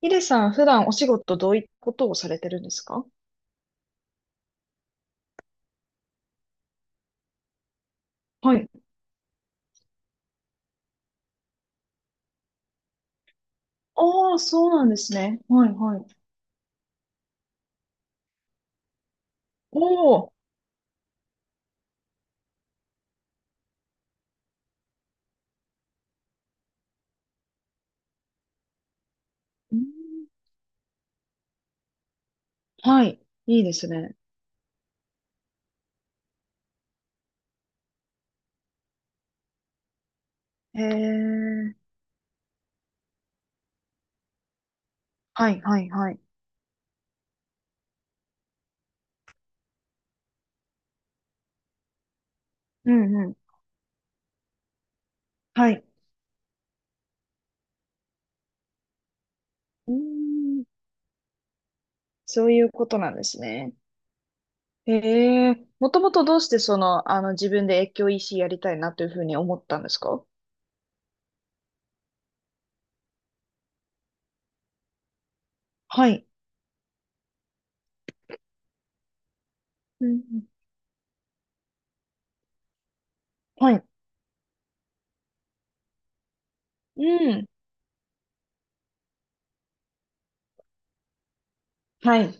ヒデさん、普段お仕事どういったことをされてるんですか？はい。ああ、そうなんですね。はい、はい。おおー。うん。はい。いいですね。へえ。はい、はい、はい。うん、うん。はい。うーん。そういうことなんですね。へえ。もともとどうしてその、あの、自分で越境 EC やりたいなというふうに思ったんですか？はい。うんうん。はい。うん。はい。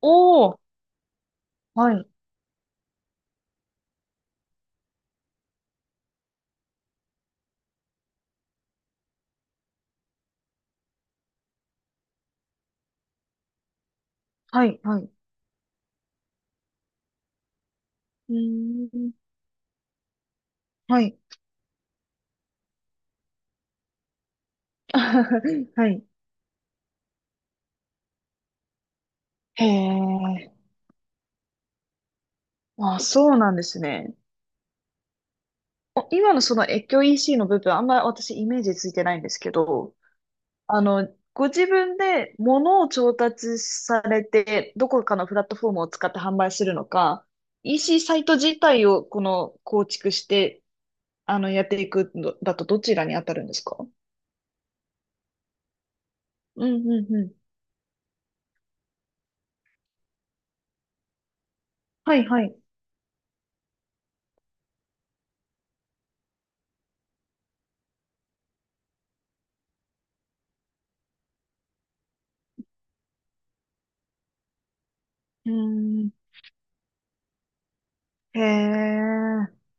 おお。はい。はい。はい。うーん。はい。はい。へえ。あ、そうなんですね。今のその越境 EC の部分、あんまり私イメージついてないんですけど、あの、ご自分で物を調達されて、どこかのプラットフォームを使って販売するのか、EC サイト自体をこの構築して、あの、やっていくのだとどちらに当たるんですか？うんうんうん。はいはい。うーん。へえ。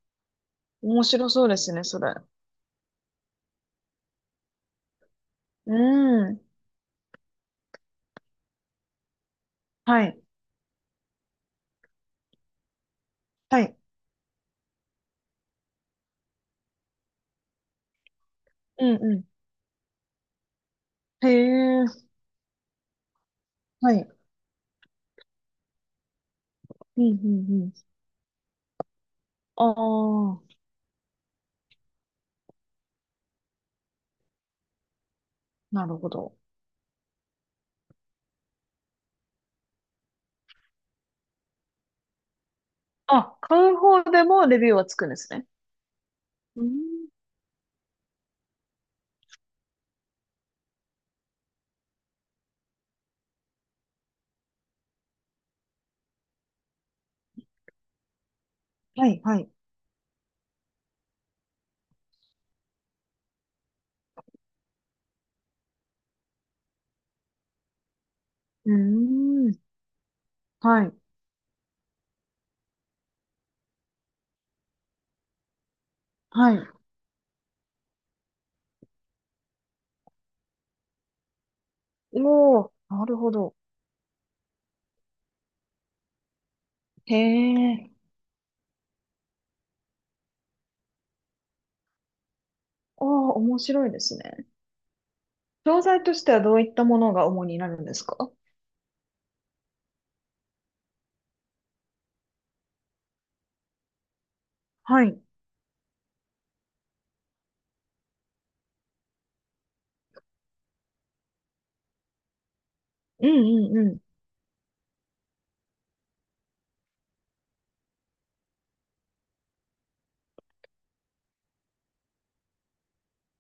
面白そうですね、それ。うん。はい。はい。うんうん。へえ。はい。うん、うん、うん。ああ、なるほど。あ、買う方でもレビューはつくんですね？うん。はい、はい。うーん。はい。はい。おー、なるほど。へえ。ああ、面白いですね。商材としてはどういったものが主になるんですか？はい。うん、うん、うん。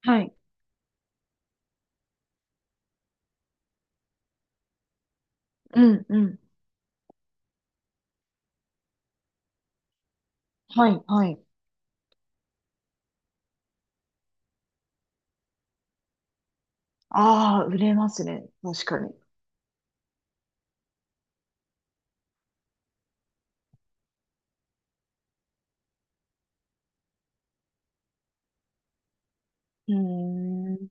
はい。うん、うん。はい、はい。ああ、売れますね。確かに。うーん。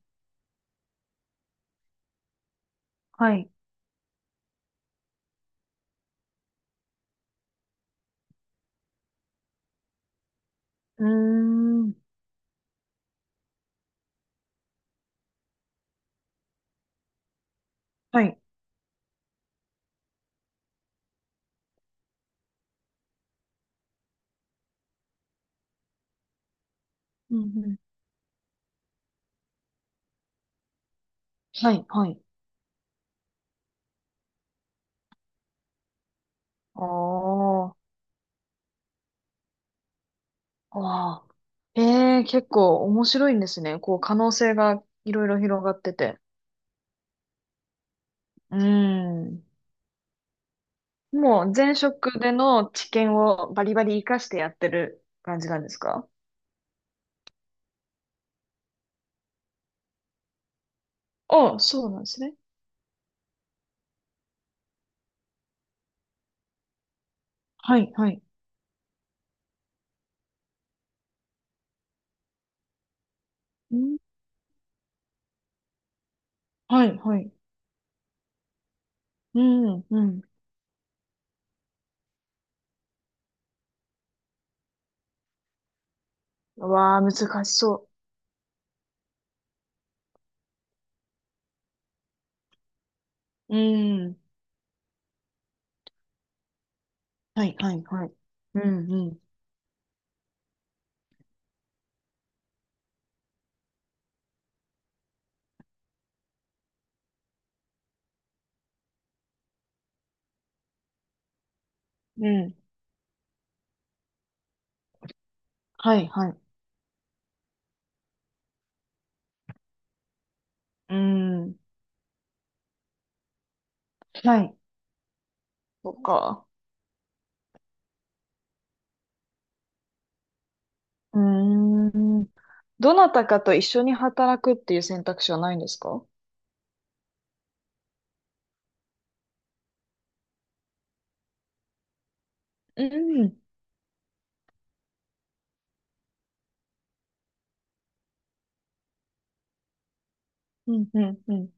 はい。うーん。はい。うん、うん。はい、はい。ああ、ああ。ええ、結構面白いんですね。こう、可能性がいろいろ広がってて。うん。もう前職での知見をバリバリ活かしてやってる感じなんですか？あ、そうなんですね。はい、はい。うん、はい、はい。うん、うん。うわあ、難しそう。うん。はい、はい、はい。うん、うん。うん。はい、はい。うん。はい。そっか。うーん。どなたかと一緒に働くっていう選択肢はないんですか？うん、うん、うん、うん。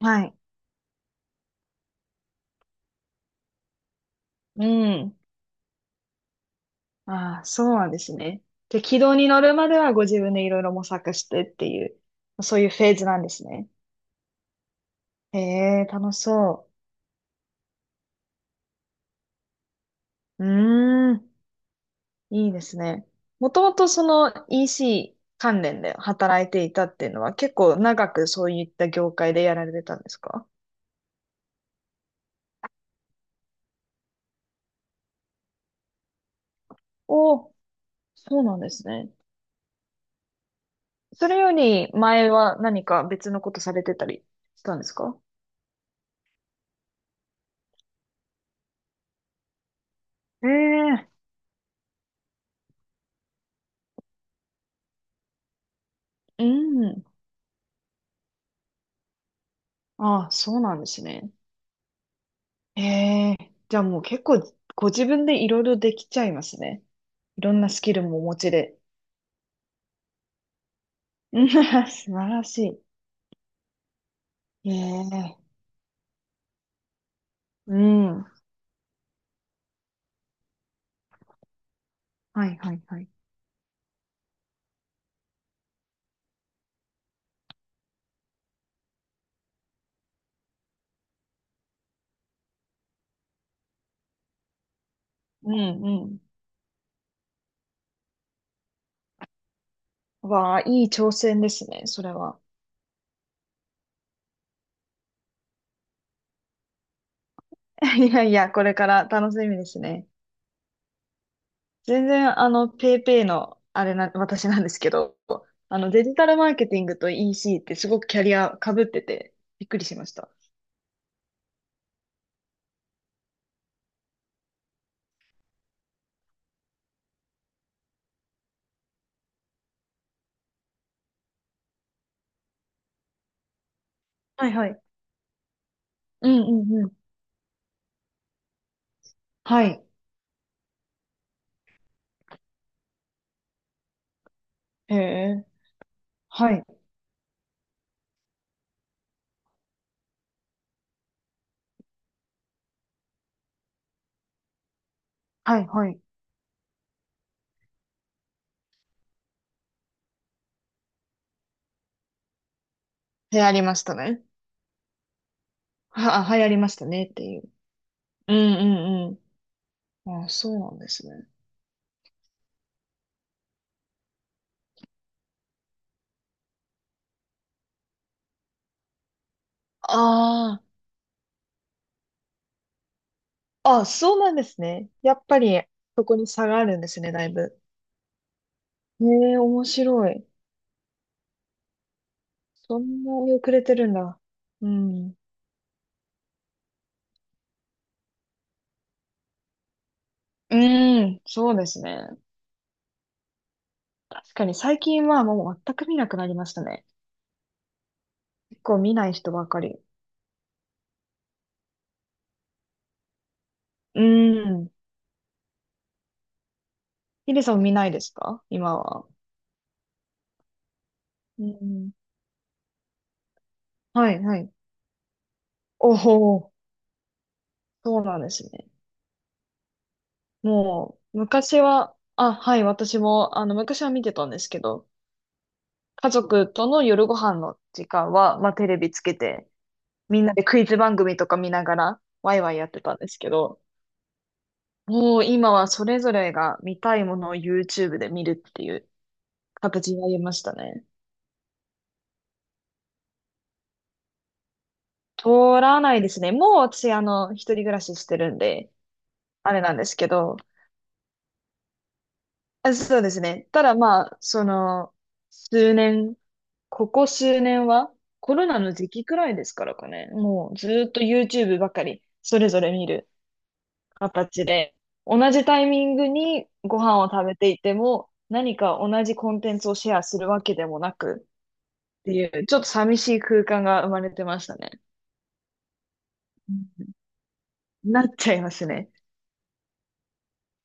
はい。うん。ああ、そうなんですね。で、軌道に乗るまではご自分でいろいろ模索してっていう、そういうフェーズなんですね。へえ、楽しそう。うーん、いいですね。もともとその EC 関連で働いていたっていうのは結構長くそういった業界でやられてたんですか？おおー、そうなんですね。それより前は何か別のことされてたりしたんですか？ええ、うん。ああ、そうなんですね。ええ、じゃあもう結構ご自分でいろいろできちゃいますね。いろんなスキルもお持ちで。うん 素晴らしい。ええ、うん。はいはいはい。うんうん。わあ、いい挑戦ですね、それは。いやいや、これから楽しみですね。全然、あの、ペイペイの、あれな、私なんですけど、デジタルマーケティングと EC ってすごくキャリア被ってて、びっくりしました。はいはい。うんうんうん。はい。へえ。はい。はい、はい。流行りましたね。流行りましたねっていう。うんうんうん。あ、そうなんですね。ああ。あ、そうなんですね。やっぱり、そこに差があるんですね、だいぶ。へえ、面白い。そんなに遅れてるんだ。うん。うん、そうですね。確かに最近はもう全く見なくなりましたね。結構見ない人ばかり。うん。ヒデさん見ないですか今は？うん。はい、はい。おお、そうなんですね。もう、昔は、あ、はい、私も、あの、昔は見てたんですけど、家族との夜ご飯の時間は、まあ、テレビつけて、みんなでクイズ番組とか見ながら、ワイワイやってたんですけど、もう今はそれぞれが見たいものを YouTube で見るっていう形になりましたね。取らないですね。もう私、一人暮らししてるんで、あれなんですけど、あ、そうですね。ただまあ、その、数年、ここ数年は、コロナの時期くらいですからかね。もうずーっと YouTube ばかり、それぞれ見る形で、同じタイミングにご飯を食べていても、何か同じコンテンツをシェアするわけでもなくっていう、ちょっと寂しい空間が生まれてましたね。うん、なっちゃいますね。